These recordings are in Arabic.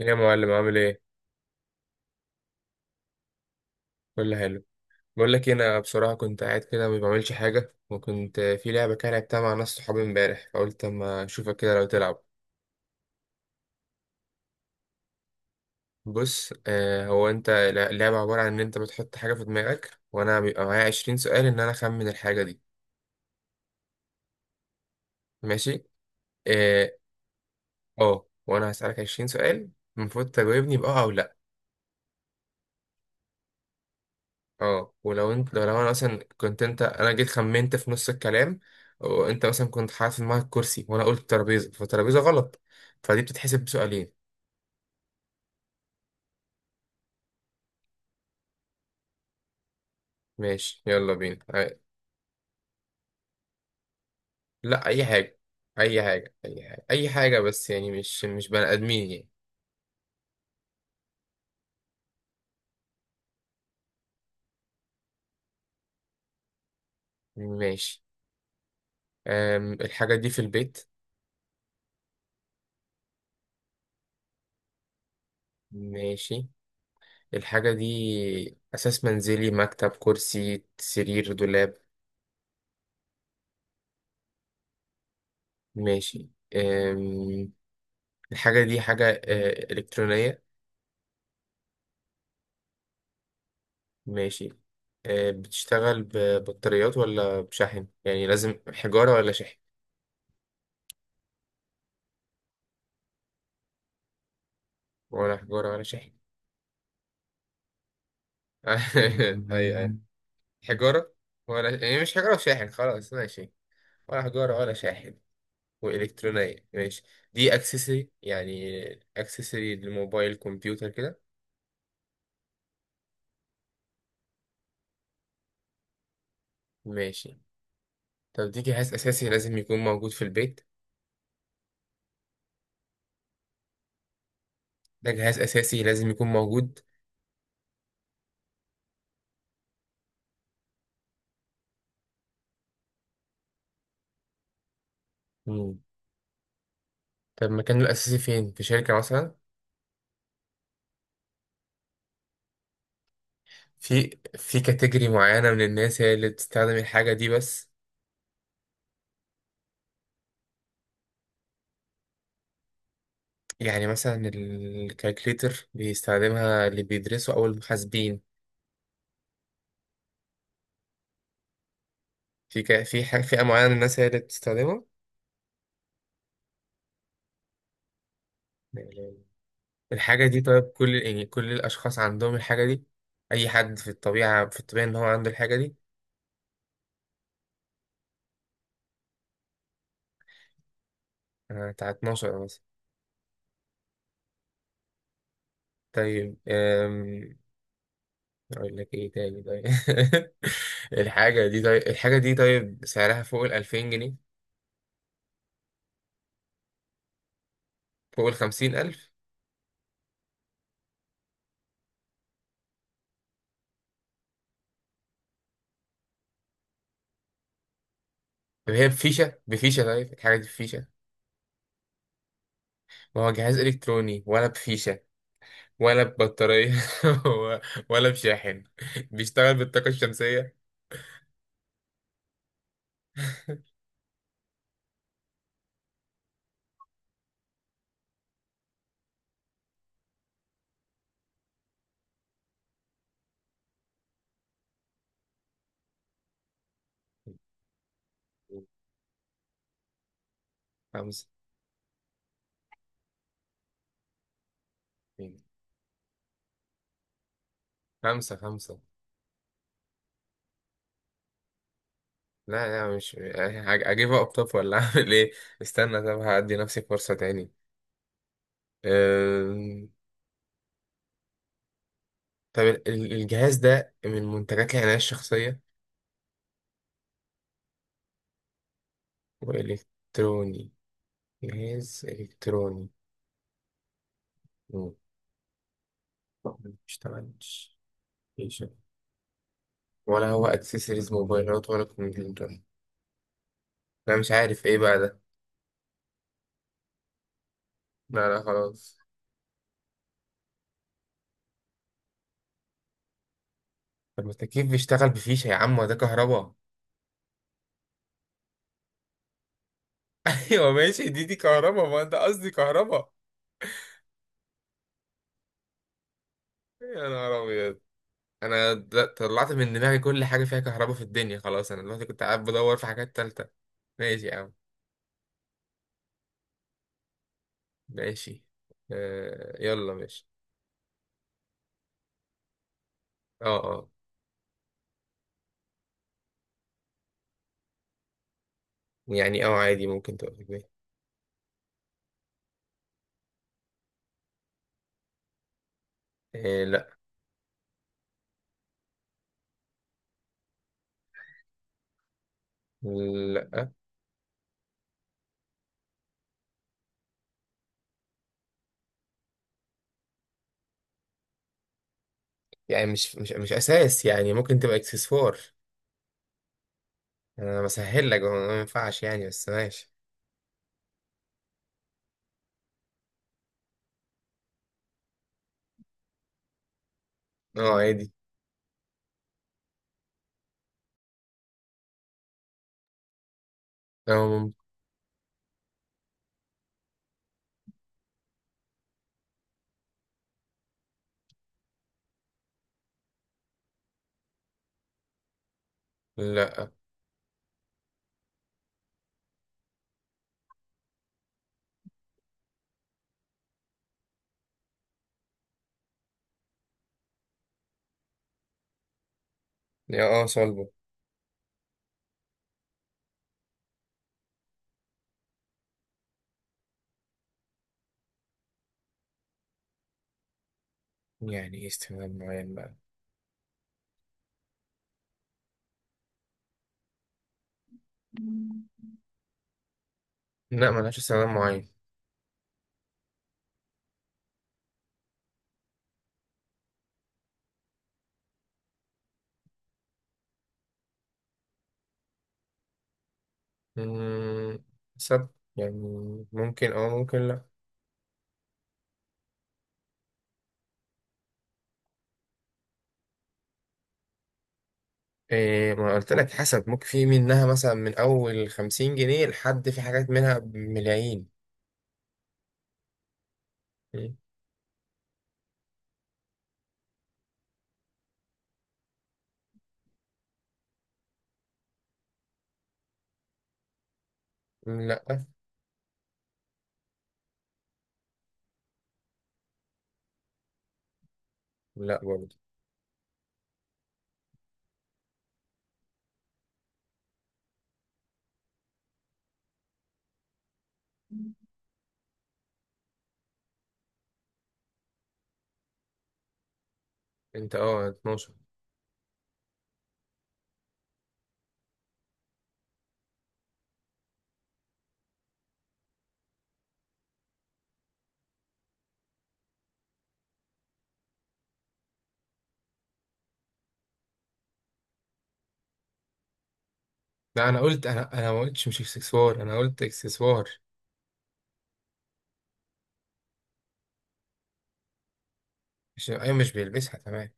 يا معلم عامل ايه؟ كله حلو. بقول لك إيه، انا بصراحه كنت قاعد كده ما بعملش حاجه، وكنت في لعبه كده لعبتها مع ناس صحابي امبارح، فقلت اما اشوفك كده لو تلعب. بص، هو انت اللعبه عباره عن ان انت بتحط حاجه في دماغك، وانا بيبقى معايا 20 سؤال ان انا اخمن الحاجه دي. ماشي. اه. وانا هسالك 20 سؤال، المفروض تجاوبني باه او لا. اه، ولو انت لو لو انا مثلا كنت انت انا جيت خمنت في نص الكلام، وانت مثلا كنت حاطط في دماغك كرسي، وانا قلت ترابيزه، فترابيزه غلط، فدي بتتحسب بسؤالين. ماشي، يلا بينا، اه. لا، اي حاجه اي حاجه اي حاجه اي حاجه، بس يعني مش مش بني ادمين يعني. ماشي. الحاجه دي في البيت؟ ماشي. الحاجه دي اساس منزلي؟ مكتب، كرسي، سرير، دولاب؟ ماشي. أم الحاجه دي حاجه الكترونيه؟ ماشي. بتشتغل ببطاريات ولا بشحن؟ يعني لازم حجارة ولا شحن؟ ولا حجارة ولا شحن؟ أيوة أيوة، حجارة. ولا يعني مش حجارة وشاحن، خلاص ماشي. ولا حجارة ولا شاحن، وإلكترونية، ماشي. دي أكسسوري يعني، أكسسوري للموبايل، كمبيوتر كده؟ ماشي. طب دي جهاز أساسي لازم يكون موجود في البيت؟ ده جهاز أساسي لازم يكون موجود؟ مم. طب مكانه الأساسي فين؟ في شركة مثلا؟ في كاتيجوري معينة من الناس هي اللي بتستخدم الحاجة دي بس؟ يعني مثلا الكالكليتر بيستخدمها اللي بيدرسوا أو المحاسبين. في حاجة فئة معينة من الناس هي اللي بتستخدمها الحاجة دي؟ طيب كل، يعني كل الأشخاص عندهم الحاجة دي؟ أي حد في الطبيعة إن هو عنده الحاجة دي؟ بتاع 12 مثلا. طيب. أقول لك إيه تاني؟ طيب. الحاجة دي طيب سعرها فوق ال2000 جنيه؟ فوق ال50 ألف؟ طب هي بفيشة؟ طيب الحاجة دي بفيشة؟ ما هو جهاز إلكتروني، ولا بفيشة ولا ببطارية ولا بشاحن؟ بيشتغل بالطاقة الشمسية؟ خمسة. خمسة خمسة. لا، لا، مش أجيب طب ولا أعمل إيه؟ استنى، طب هأدي نفسي فرصة تاني. أم... طب الجهاز ده من منتجات العناية الشخصية؟ وإلكتروني؟ جهاز إلكتروني. مم. مشتغلش؟ ولا هو اكسسوارز موبايلات ولا كمبيوتر؟ انا مش عارف ايه بقى ده. لا، لا، خلاص. طب ما التكييف بيشتغل بفيشة يا عم، وده كهرباء. ايوه ماشي، دي كهرباء، ما انت قصدي كهرباء. يا نهار ابيض. انا طلعت من دماغي كل حاجه فيها كهرباء في الدنيا، خلاص انا دلوقتي كنت قاعد بدور في حاجات تالتة. ماشي يا عم. ماشي، يلا ماشي. اه، اه. يعني عادي، ممكن تبقى في البيت. آه لا. لا، يعني مش اساس، يعني ممكن تبقى اكسسوار. انا بسهل لك، هو ما ينفعش يعني، بس ماشي. اه عادي. اه ممكن، لا. يا، صلبه. يعني ايه استخدام معين بقى؟ لا، ملهاش استخدام معين. مم، حسب، يعني ممكن ممكن لا. إيه، ما قلت لك حسب، ممكن في منها مثلا من اول 50 جنيه لحد في حاجات منها بملايين. مم. لا، لا، برضه. انت 12. لا، انا قلت، انا انا ما قلتش مش اكسسوار، انا قلت اكسسوار. مش، ايوه مش بيلبسها، تمام.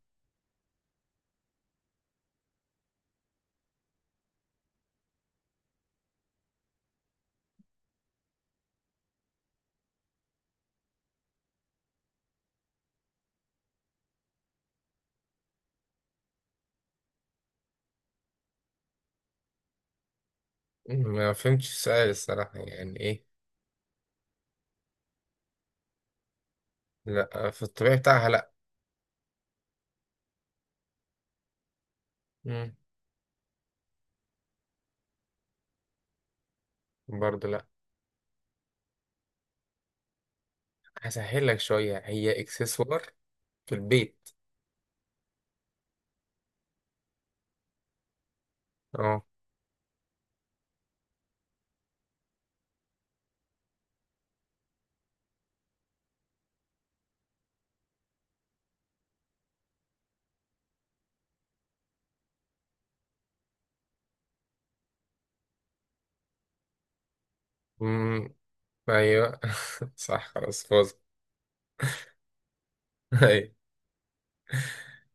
ما فهمتش السؤال الصراحة، يعني ايه؟ لا، في الطبيعي بتاعها لا. مم. برضه لا. هسهل لك شوية، هي اكسسوار في البيت. اه. مم. ايوه. صح، خلاص فوز. ايوه.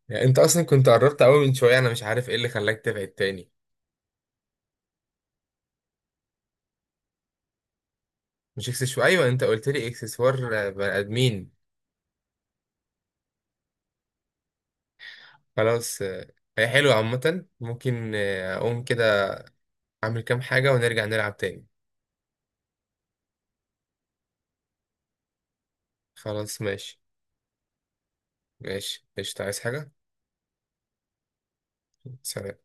يعني انت اصلا كنت قربت قوي من شوية، انا مش عارف ايه اللي خلاك تبعد تاني. مش اكسسوار، ايوه انت قلت لي اكسسوار، بني ادمين. خلاص. هي حلوة عامة، ممكن اقوم كده اعمل كام حاجة ونرجع نلعب تاني. خلاص ماشي. ماشي قشطة، عايز حاجة؟ سلام.